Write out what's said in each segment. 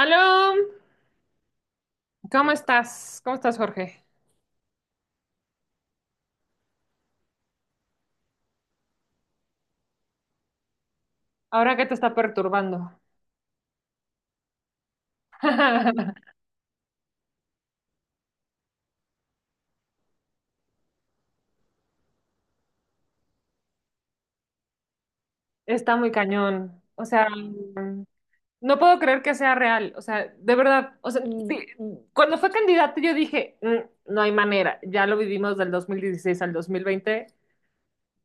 Aló, ¿cómo estás? ¿Cómo estás, Jorge? Ahora que te está perturbando. Está muy cañón. O sea, no puedo creer que sea real. O sea, de verdad. O sea, sí, cuando fue candidato yo dije, "Mm, no hay manera. Ya lo vivimos del 2016 al 2020.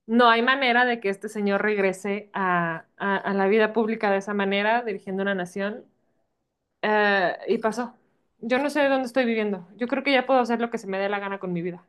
No hay manera de que este señor regrese a la vida pública de esa manera, dirigiendo una nación. Y pasó. Yo no sé dónde estoy viviendo. Yo creo que ya puedo hacer lo que se me dé la gana con mi vida.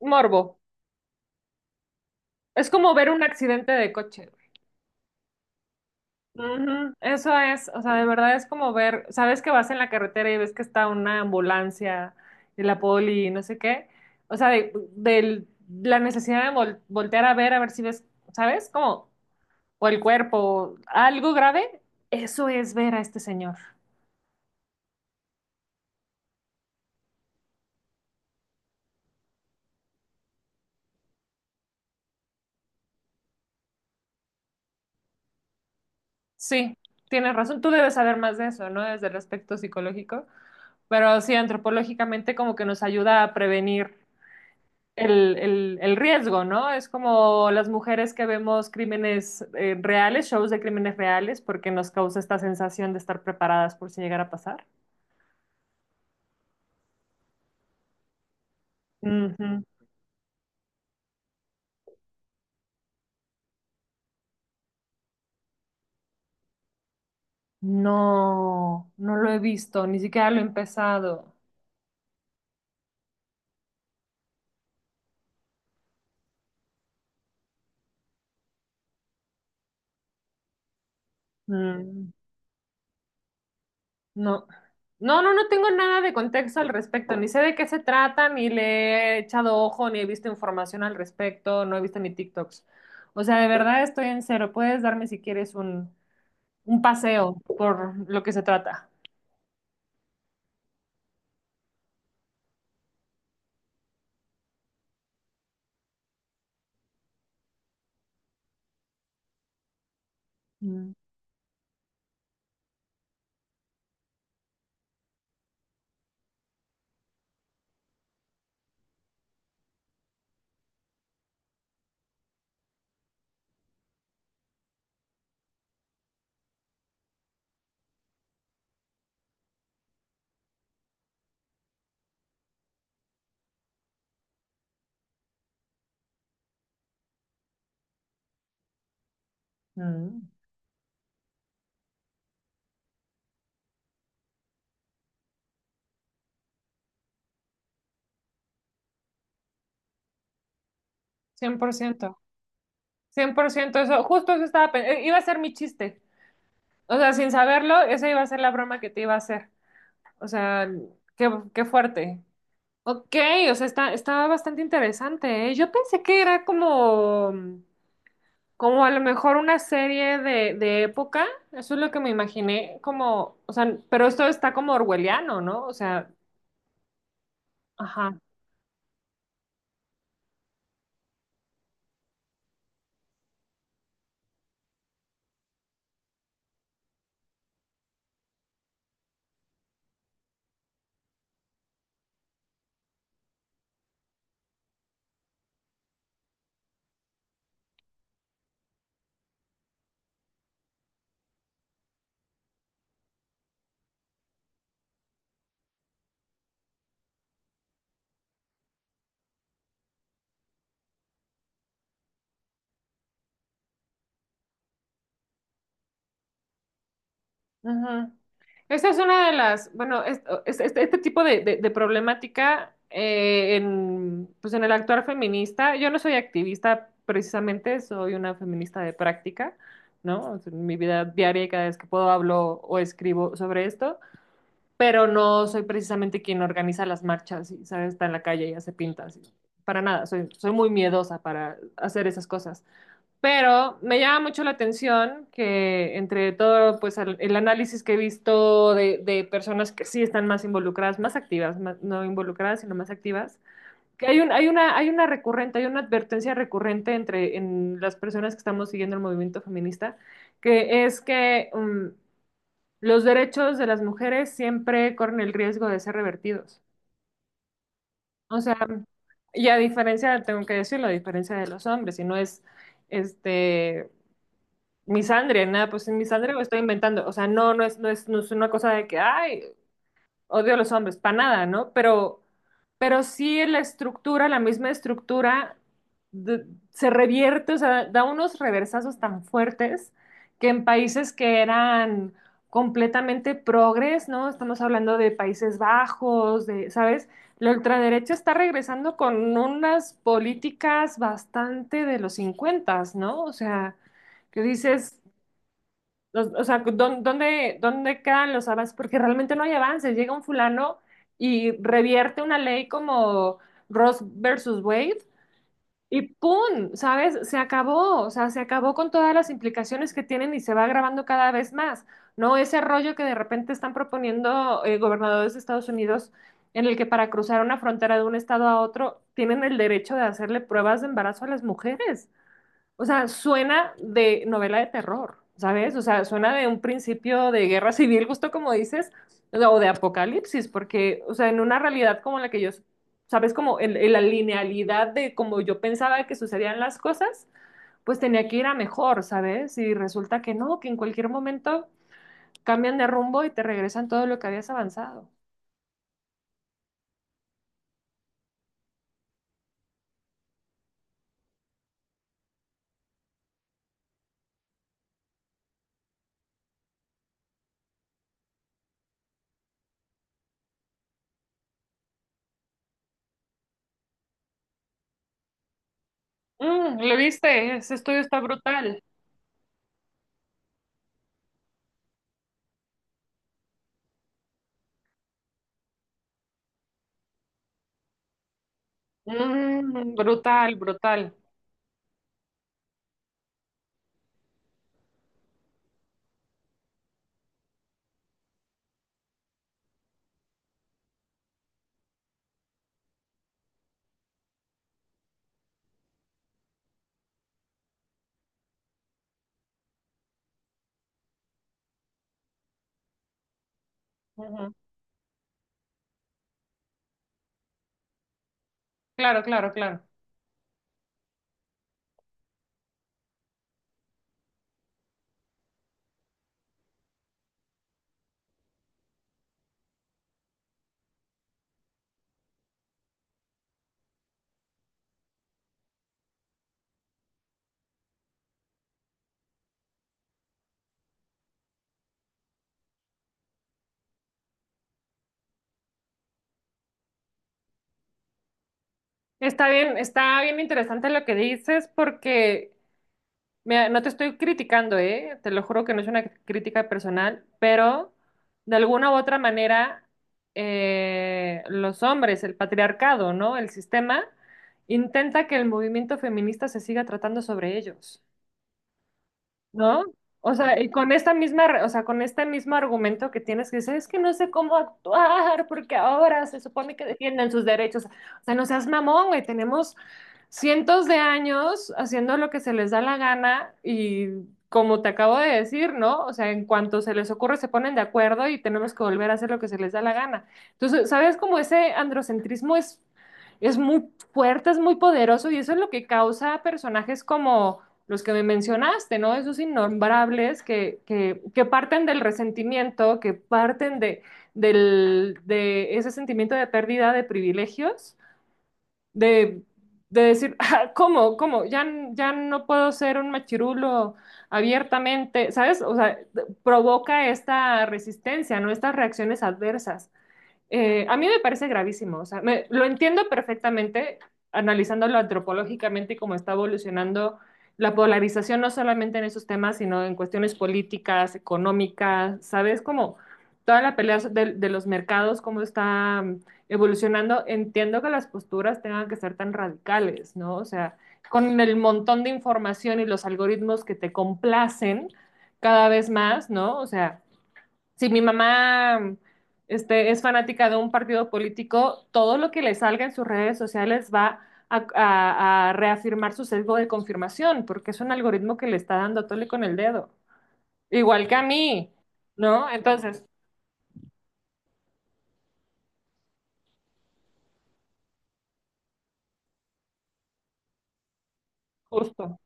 Morbo. Es como ver un accidente de coche, güey. Ujú. Eso es, o sea, de verdad es como ver, sabes que vas en la carretera y ves que está una ambulancia y la poli y no sé qué. O sea, la necesidad de voltear a ver si ves, ¿sabes? Como, o el cuerpo, algo grave. Eso es ver a este señor. Sí, tienes razón. Tú debes saber más de eso, ¿no? Desde el aspecto psicológico. Pero sí, antropológicamente como que nos ayuda a prevenir el riesgo, ¿no? Es como las mujeres que vemos crímenes reales, shows de crímenes reales, porque nos causa esta sensación de estar preparadas por si llegara a pasar. Ujú. No, no lo he visto, ni siquiera lo he empezado. Mm, no. No, no, no tengo nada de contexto al respecto, ni sé de qué se trata, ni le he echado ojo, ni he visto información al respecto, no he visto ni TikToks. O sea, de verdad estoy en cero. Puedes darme si quieres un paseo por lo que se trata. Mm. Mm. 100%, 100% eso. Justo eso estaba pensando. Iba a ser mi chiste. O sea, sin saberlo, esa iba a ser la broma que te iba a hacer. O sea, qué, qué fuerte. Ok, o sea, estaba bastante interesante, ¿eh? Yo pensé que era como, como a lo mejor una serie de época. Eso es lo que me imaginé, como, o sea, pero esto está como orwelliano, ¿no? O sea, ajá. Ujú. Esta es una de las, bueno, este tipo de problemática en, pues en el actuar feminista, yo no soy activista precisamente, soy una feminista de práctica, ¿no? O sea, en mi vida diaria, y cada vez que puedo, hablo o escribo sobre esto, pero no soy precisamente quien organiza las marchas y, ¿sabes? Está en la calle y hace pintas, para nada, soy muy miedosa para hacer esas cosas. Pero me llama mucho la atención que entre todo, pues el análisis que he visto de personas que sí están más involucradas, más activas, no involucradas, sino más activas, que hay un, hay una recurrente, hay una advertencia recurrente entre en las personas que estamos siguiendo el movimiento feminista, que es que los derechos de las mujeres siempre corren el riesgo de ser revertidos. O sea, y a diferencia, tengo que decirlo, a diferencia de los hombres, y no es este misandria, nada, pues en misandria lo estoy inventando. O sea, no, no es una cosa de que, ay, odio a los hombres, para nada, ¿no? Pero sí la estructura, la misma estructura, de- se revierte, o sea, da unos reversazos tan fuertes que en países que eran completamente progres, ¿no? Estamos hablando de Países Bajos, de, ¿sabes? La ultraderecha está regresando con unas políticas bastante de los 50, ¿no? O sea que dices, o sea, ¿Dónde quedan los avances? Porque realmente no hay avances. Llega un fulano y revierte una ley como Ross versus Wade y ¡pum! ¿Sabes? Se acabó. O sea, se acabó con todas las implicaciones que tienen y se va agravando cada vez más. No ese rollo que de repente están proponiendo gobernadores de Estados Unidos en el que para cruzar una frontera de un estado a otro tienen el derecho de hacerle pruebas de embarazo a las mujeres. O sea, suena de novela de terror, ¿sabes? O sea, suena de un principio de guerra civil, justo como dices, o sea, o de apocalipsis, porque, o sea, en una realidad como la que yo, ¿sabes? Como en la linealidad de como yo pensaba que sucedían las cosas, pues tenía que ir a mejor, ¿sabes? Y resulta que no, que en cualquier momento cambian de rumbo y te regresan todo lo que habías avanzado. ¿Lo viste? Ese estudio está brutal. Brutal, brutal. Ujú. Claro, claro, claro. Está bien interesante lo que dices porque mira, no te estoy criticando, ¿eh? Te lo juro que no es una crítica personal, pero de alguna u otra manera los hombres, el patriarcado, ¿no? El sistema intenta que el movimiento feminista se siga tratando sobre ellos. ¿No? O sea, y con esta misma, o sea, con este mismo argumento que tienes que decir, es que no sé cómo actuar, porque ahora se supone que defienden sus derechos. O sea, no seas mamón, güey, tenemos cientos de años haciendo lo que se les da la gana y como te acabo de decir, ¿no? O sea, en cuanto se les ocurre se ponen de acuerdo y tenemos que volver a hacer lo que se les da la gana. Entonces, ¿sabes cómo ese androcentrismo es, muy fuerte, es muy poderoso y eso es lo que causa personajes como los que me mencionaste, ¿no? Esos innombrables que parten del resentimiento, que parten de, de ese sentimiento de pérdida de privilegios, de, de decir, "Ah, ¿cómo? ¿Cómo? Ya, ya no puedo ser un machirulo abiertamente, ¿sabes? O sea, provoca esta resistencia, ¿no? Estas reacciones adversas. A mí me parece gravísimo, o sea, lo entiendo perfectamente analizándolo antropológicamente y cómo está evolucionando la polarización, no solamente en esos temas, sino en cuestiones políticas, económicas, ¿sabes? Como toda la pelea de los mercados, cómo está evolucionando. Entiendo que las posturas tengan que ser tan radicales, ¿no? O sea, con el montón de información y los algoritmos que te complacen cada vez más, ¿no? O sea, si mi mamá es fanática de un partido político, todo lo que le salga en sus redes sociales va a reafirmar su sesgo de confirmación, porque es un algoritmo que le está dando tole con el dedo. Igual que a mí, ¿no? Entonces, justo.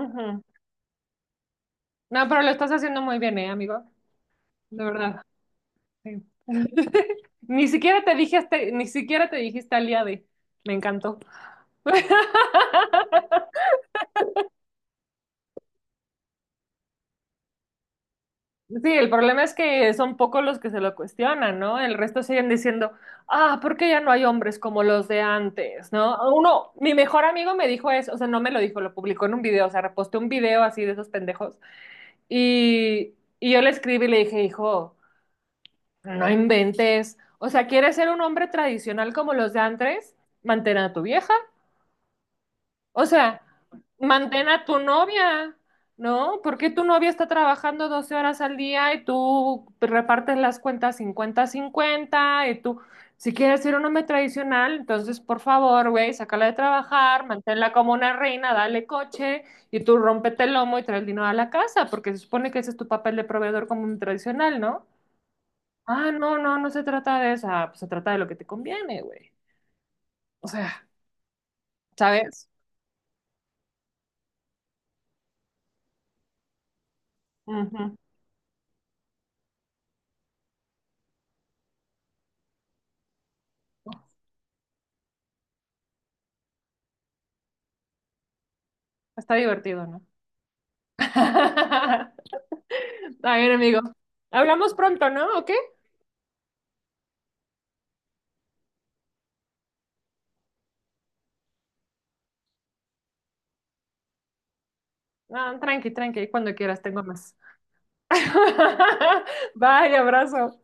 Ujú. No, pero lo estás haciendo muy bien, ¿eh, amigo? De verdad. Sí. Ni siquiera te dije, ni siquiera te dijiste aliade. Me encantó. Sí, el problema es que son pocos los que se lo cuestionan, ¿no? El resto siguen diciendo, ah, ¿por qué ya no hay hombres como los de antes?, ¿no? Uno, mi mejor amigo me dijo eso, o sea, no me lo dijo, lo publicó en un video, o sea, reposté un video así de esos pendejos. Y, y yo le escribí y le dije, hijo, no inventes, o sea, ¿quieres ser un hombre tradicional como los de antes? Mantén a tu vieja. O sea, mantén a tu novia, ¿no? Porque tu novia está trabajando 12 horas al día y tú repartes las cuentas 50-50 y tú, si quieres ser un hombre tradicional, entonces por favor, güey, sácala de trabajar, manténla como una reina, dale coche y tú rómpete el lomo y trae el dinero a la casa, porque se supone que ese es tu papel de proveedor como un tradicional, ¿no? Ah, no, no, no se trata de esa, pues se trata de lo que te conviene, güey. O sea, ¿sabes? Ujú. Está divertido, ¿no? Está bien, amigo. Hablamos pronto, ¿no? ¿O qué? Ah, tranqui, tranqui, cuando quieras, tengo más. Bye, abrazo.